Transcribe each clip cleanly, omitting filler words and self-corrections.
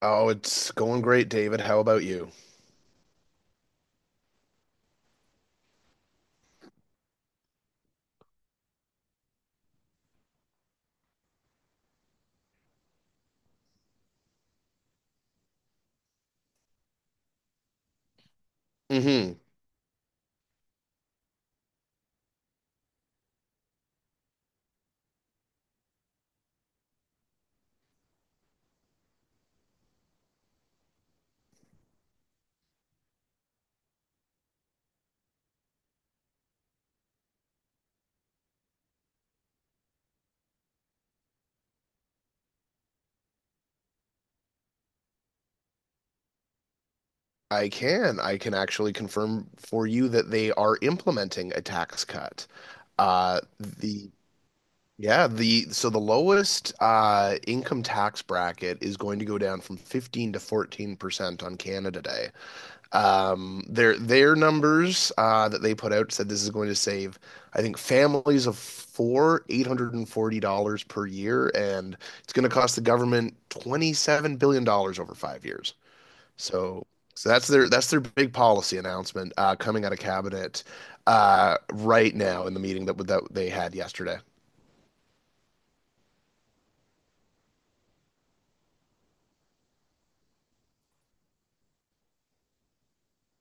Oh, it's going great, David. How about you? Mm-hmm. I can. I can actually confirm for you that they are implementing a tax cut. The Yeah. The lowest income tax bracket is going to go down from 15 to 14% on Canada Day. Their numbers that they put out said this is going to save, I think, families of four, $840 per year, and it's going to cost the government $27 billion dollars over 5 years. So, so that's their big policy announcement coming out of cabinet right now in the meeting that they had yesterday.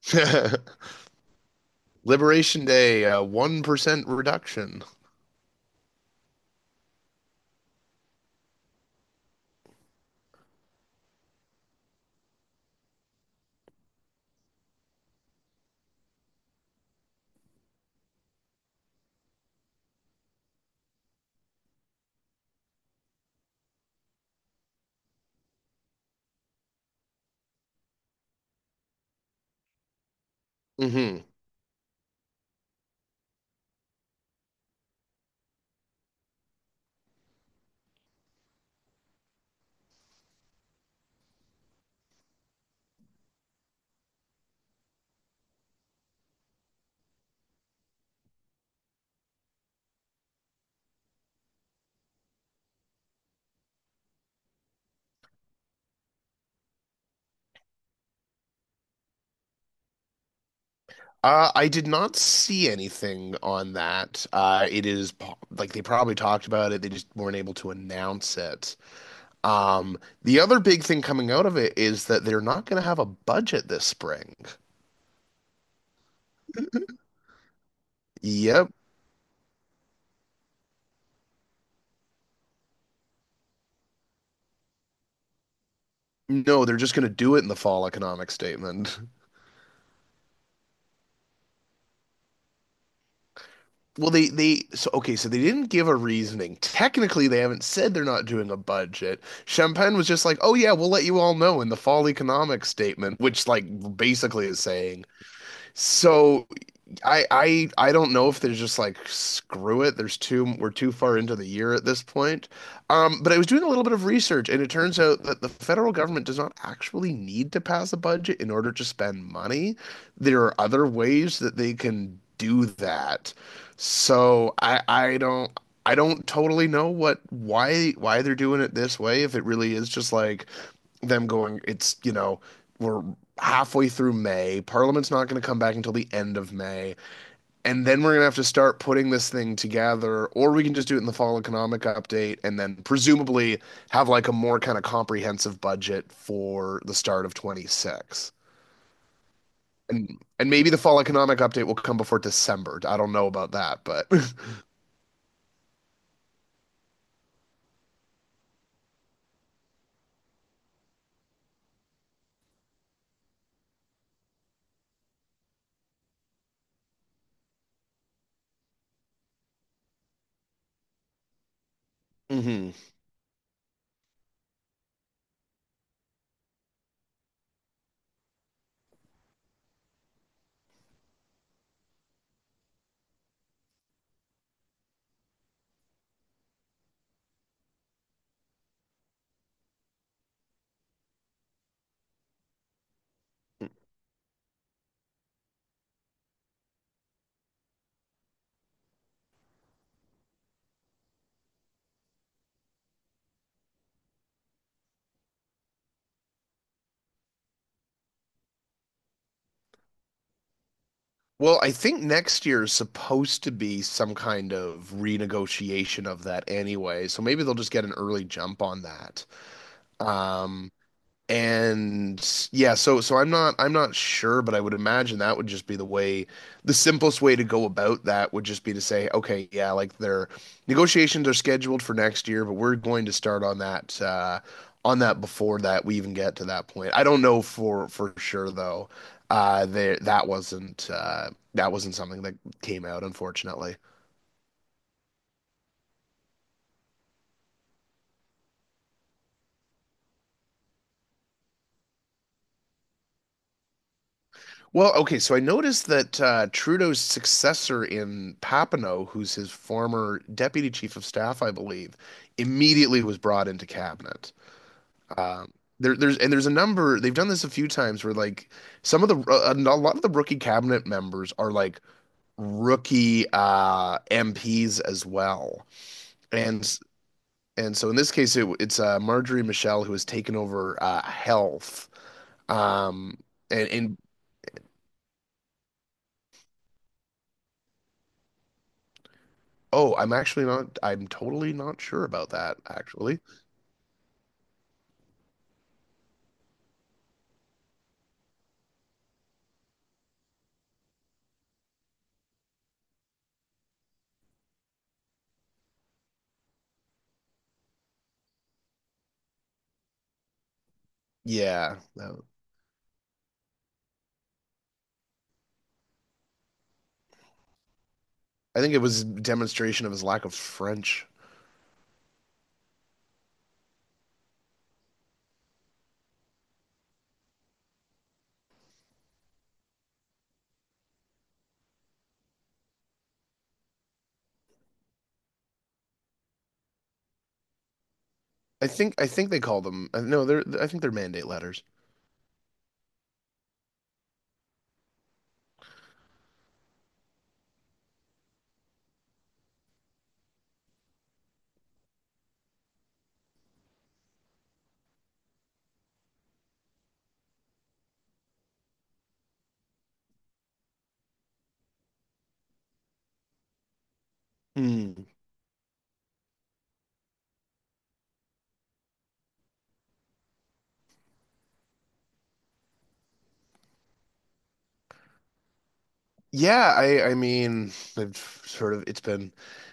Liberation Day, 1% reduction. Hmm. I did not see anything on that. Like they probably talked about it, they just weren't able to announce it. Um, the other big thing coming out of it is that they're not going to have a budget this spring. Yep. No, they're just going to do it in the fall economic statement. Well, so they didn't give a reasoning. Technically, they haven't said they're not doing a budget. Champagne was just like, "Oh yeah, we'll let you all know in the fall economic statement," which, like, basically is saying. So I don't know if there's just, like, screw it. There's too We're too far into the year at this point. But I was doing a little bit of research, and it turns out that the federal government does not actually need to pass a budget in order to spend money. There are other ways that they can do that. So I don't totally know what why they're doing it this way. If it really is just like them going, it's you know we're halfway through May. Parliament's not going to come back until the end of May. And then we're gonna have to start putting this thing together, or we can just do it in the fall economic update and then presumably have, like, a more kind of comprehensive budget for the start of 26. And maybe the fall economic update will come before December. I don't know about that, but Mhm. Well, I think next year is supposed to be some kind of renegotiation of that anyway, so maybe they'll just get an early jump on that. Um, And yeah, so I'm not sure, but I would imagine that would just be the way, the simplest way to go about that would just be to say, okay, yeah, like, their negotiations are scheduled for next year, but we're going to start on that before that we even get to that point. I don't know for sure though. There That wasn't something that came out, unfortunately. Well, okay, so I noticed that, Trudeau's successor in Papineau, who's his former deputy chief of staff, I believe, immediately was brought into cabinet. Um, there, there's and there's a number. They've done this a few times where, like, some of the a lot of the rookie cabinet members are like rookie MPs as well, and and so in this case it, it's Marjorie Michelle who has taken over health. Um, and Oh, I'm totally not sure about that, actually. Yeah, no. I think it was demonstration of his lack of French. I think they call them no, they're I think they're mandate letters. Hmm. Yeah, I mean, I've sort of it's been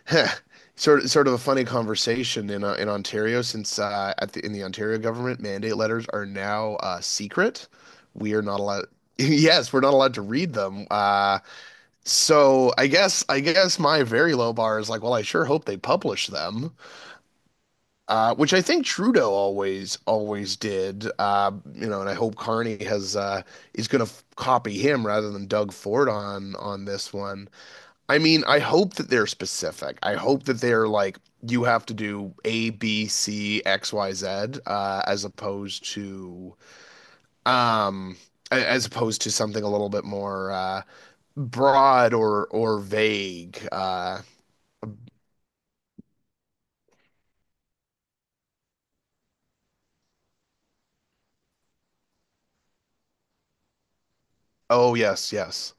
sort of a funny conversation in, in Ontario since, at the in the Ontario government, mandate letters are now, secret. We are not allowed. Yes, we're not allowed to read them. So I guess my very low bar is, like, well, I sure hope they publish them, which I think Trudeau always did. And I hope Carney has is going to copy him rather than Doug Ford on this one. I mean, I hope that they're specific. I hope that they're like, you have to do A, B, C, X, Y, Z, uh, as opposed to um, as opposed to something a little bit more broad or vague. Oh yes, yes.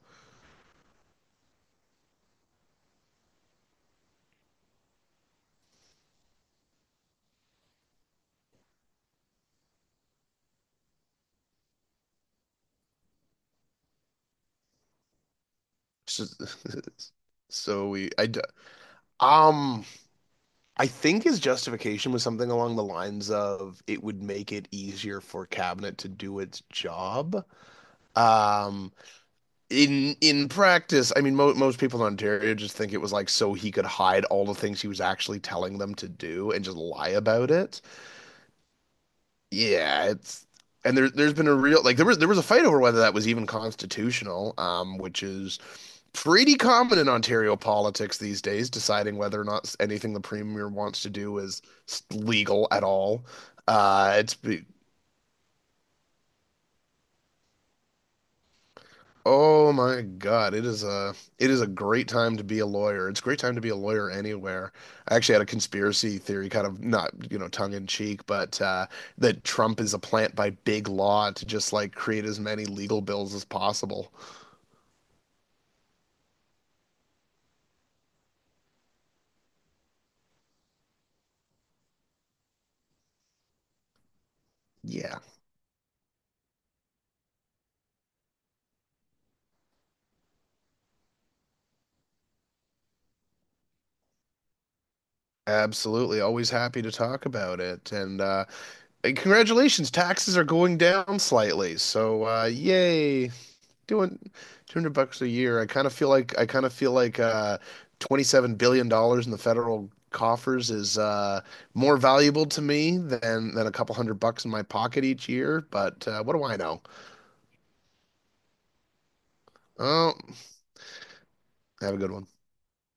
So, so um, I think his justification was something along the lines of it would make it easier for cabinet to do its job. Um, in practice, I mean, mo most people in Ontario just think it was, like, so he could hide all the things he was actually telling them to do and just lie about it. Yeah, it's. And there's been a real, like, there was a fight over whether that was even constitutional, which is pretty common in Ontario politics these days, deciding whether or not anything the premier wants to do is legal at all. Uh, it's be- oh my God, it is a great time to be a lawyer. It's a great time to be a lawyer anywhere. I actually had a conspiracy theory, kind of not, tongue in cheek, but that Trump is a plant by big law to just, like, create as many legal bills as possible. Yeah. Absolutely. Always happy to talk about it. And congratulations, taxes are going down slightly. So, yay. Doing 200 bucks a year. I kind of feel like $27 billion in the federal coffers is more valuable to me than a couple hundred bucks in my pocket each year, but what do I know? Oh, have a good one.